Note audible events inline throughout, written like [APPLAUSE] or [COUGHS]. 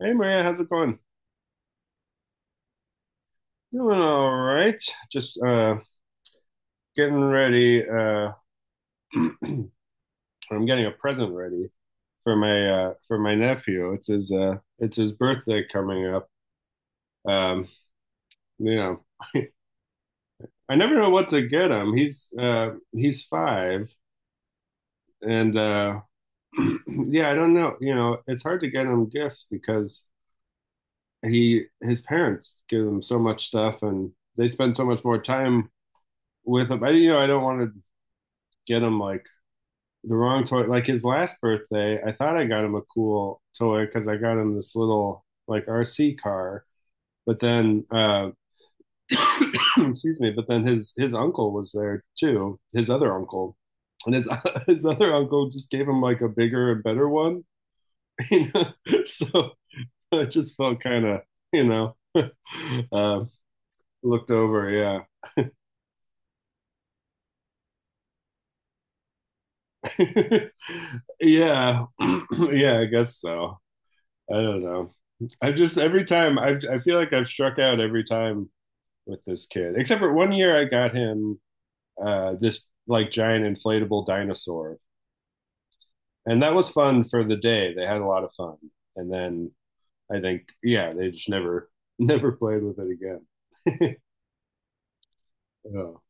Hey Maria, how's it going? Doing all right. Just getting ready. I'm getting a present ready for my nephew. It's his birthday coming up. Um, you know, [LAUGHS] I never know what to get him. He's five and [CLEARS THROAT] yeah, I don't know. You know, it's hard to get him gifts because he his parents give him so much stuff, and they spend so much more time with him. I don't want to get him like the wrong toy. Like his last birthday, I thought I got him a cool toy because I got him this little like RC car. But then, uh, [CLEARS THROAT] excuse me. But then his uncle was there too. His other uncle, and his [LAUGHS] his other uncle just gave him like a bigger and better one. [LAUGHS] You know, so it just felt kind of you know [LAUGHS] uh, looked over. Yeah, [LAUGHS] yeah, [CLEARS THROAT] yeah. I guess so. I don't know. I've just every time I feel like I've struck out every time with this kid. Except for one year I got him this like giant inflatable dinosaur. And that was fun for the day. They had a lot of fun. And then I think yeah, they just never [LAUGHS] never played with it again. [LAUGHS] Oh.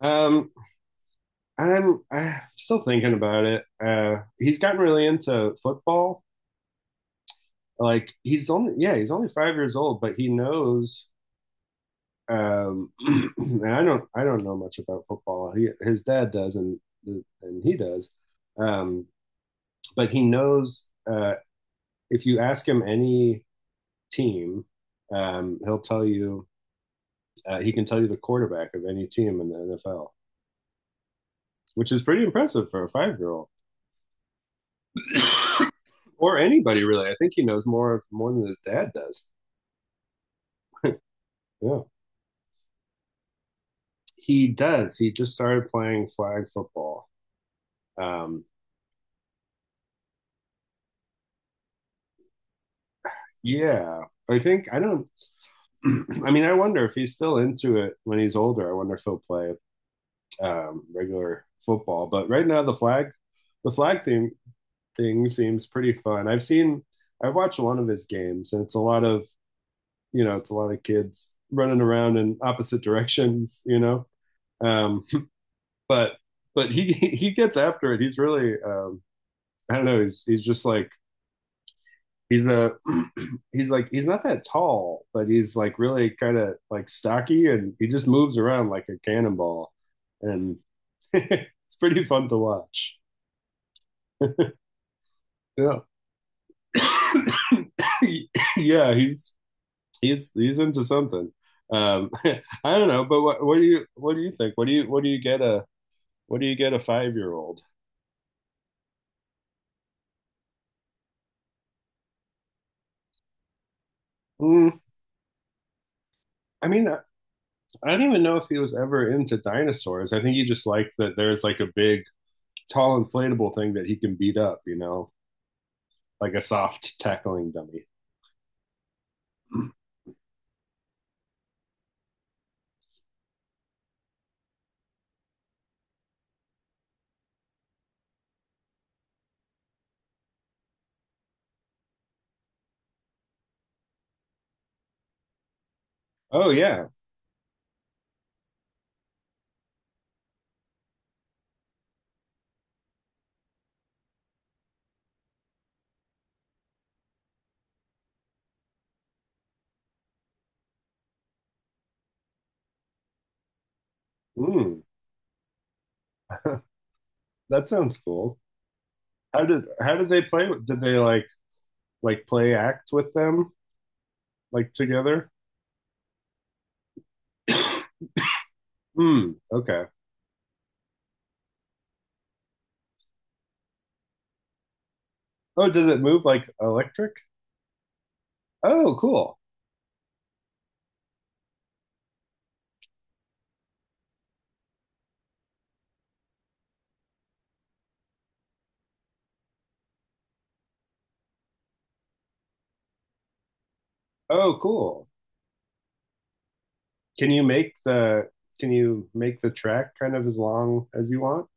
Um I'm still thinking about it. He's gotten really into football. Like he's only yeah, he's only 5 years old, but he knows um, [CLEARS THROAT] and I don't know much about football. He, his dad does, and he does, um, but he knows if you ask him any team, he'll tell you he can tell you the quarterback of any team in the NFL, which is pretty impressive for a 5 year old. [LAUGHS] Or anybody really. I think he knows more than his dad does. Yeah, he does. He just started playing flag football. Um, yeah, I think I don't [CLEARS THROAT] I mean, I wonder if he's still into it when he's older. I wonder if he'll play regular football. But right now, the flag thing seems pretty fun. I've watched one of his games, and it's a lot of it's a lot of kids running around in opposite [LAUGHS] directions, you know. Um, but he [LAUGHS] he gets after it. He's really I don't know. He's just like He's a [CLEARS THROAT] he's like he's not that tall, but he's like really kind of like stocky, and he just moves around like a cannonball, and [LAUGHS] it's pretty fun to watch. Yeah, [COUGHS] yeah, he's he's into something. Um, [LAUGHS] I don't know, but what do you think? What do you get a 5 year old? Mm, I mean, I, I don't even know if he was ever into dinosaurs. I think he just liked that there's like a big, tall, inflatable thing that he can beat up, you know? Like a soft tackling dummy. [CLEARS THROAT] Oh yeah. Mm. [LAUGHS] That sounds cool. How did they play with? Did they like play act with them like together? [CLEARS THROAT] Hmm. Okay. Oh, does it move like electric? Oh, cool. Oh, cool. Can you make the can you make the track kind of as long as you want?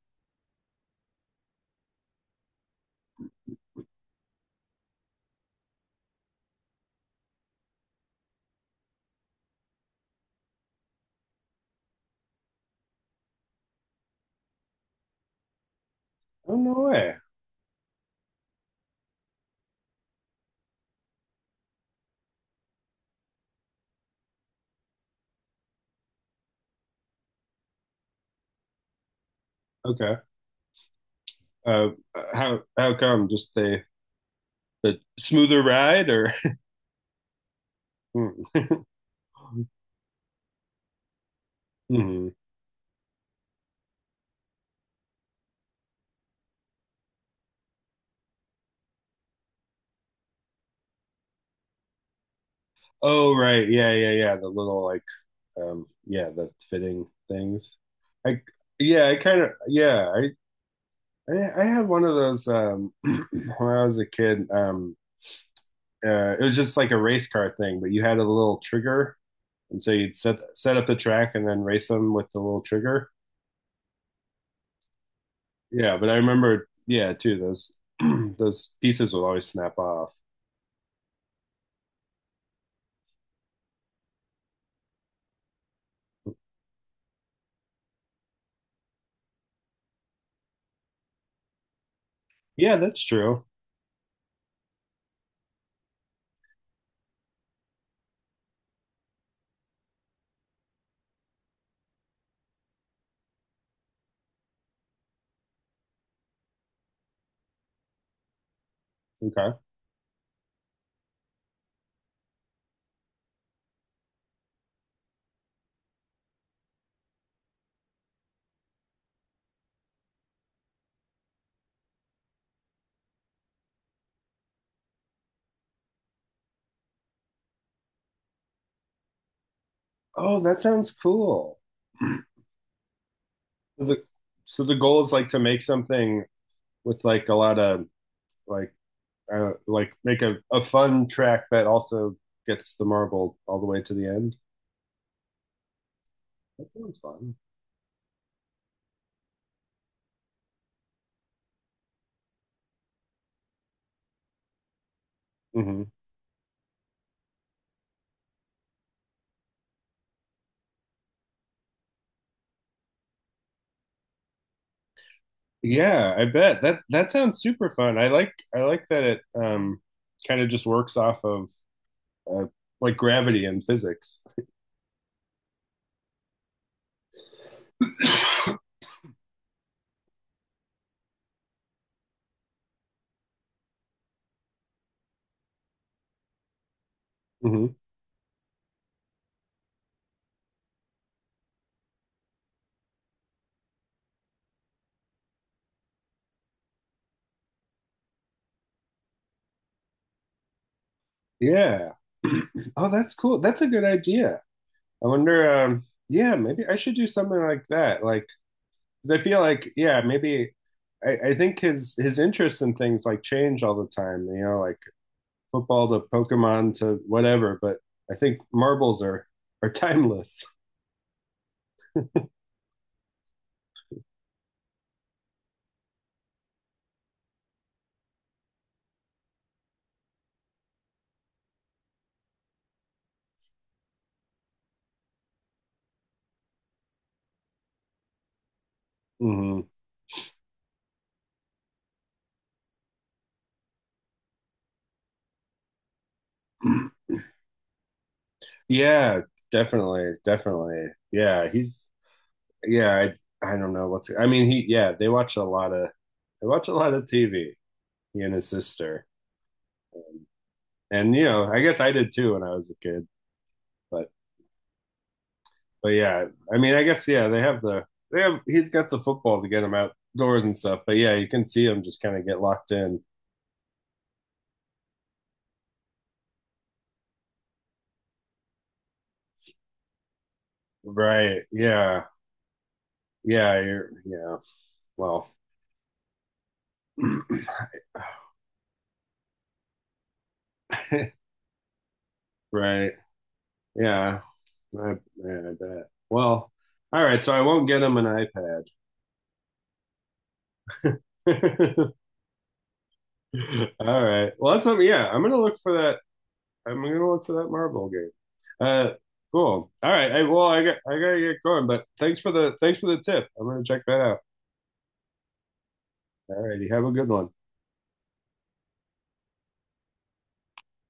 Oh no way. Okay. Uh, how come? Just the smoother ride or? [LAUGHS] Hmm. Mm-hmm. Oh right. Yeah, yeah, yeah. The little like yeah, the fitting things. I yeah, I kind of yeah, I had one of those [CLEARS THROAT] when I was a kid. It was just like a race car thing, but you had a little trigger, and so you'd set up the track and then race them with the little trigger. Yeah, but I remember, yeah, too, those [CLEARS THROAT] those pieces would always snap off. Yeah, that's true. Okay. Oh, that sounds cool. So the so the goal is like to make something with like a lot of like like make a fun track that also gets the marble all the way to the end. That sounds fun. Hmm. Yeah, I bet that that sounds super fun. I like that it kind of just works off of uh, like gravity and physics. [COUGHS] Mhm. Yeah. [CLEARS THROAT] Oh, that's cool. That's a good idea. I wonder, yeah, maybe I should do something like that. Like, 'cause I feel like, yeah, maybe I think his interests in things like change all the time, you know, like football to Pokemon to whatever, but I think marbles are [LAUGHS] timeless. Hmm. [CLEARS THROAT] Yeah, definitely, definitely. Yeah, he's yeah, I don't know what's they watch a lot of TV, he and his sister. And you know, I guess I did too when I was a kid. But but yeah, yeah, they have he's got the football to get him outdoors and stuff. But yeah, you can see him just kind of get locked in. Right? Yeah. Well, [LAUGHS] right? Yeah, yeah, I bet. Well, all right. So I won't get him an iPad. [LAUGHS] All right. Well, that's something. Yeah, I'm gonna look for that Marvel game. Uh, cool. All right. Hey, well, I gotta get going, but thanks for the tip. I'm gonna check that out. All righty. Have a good one.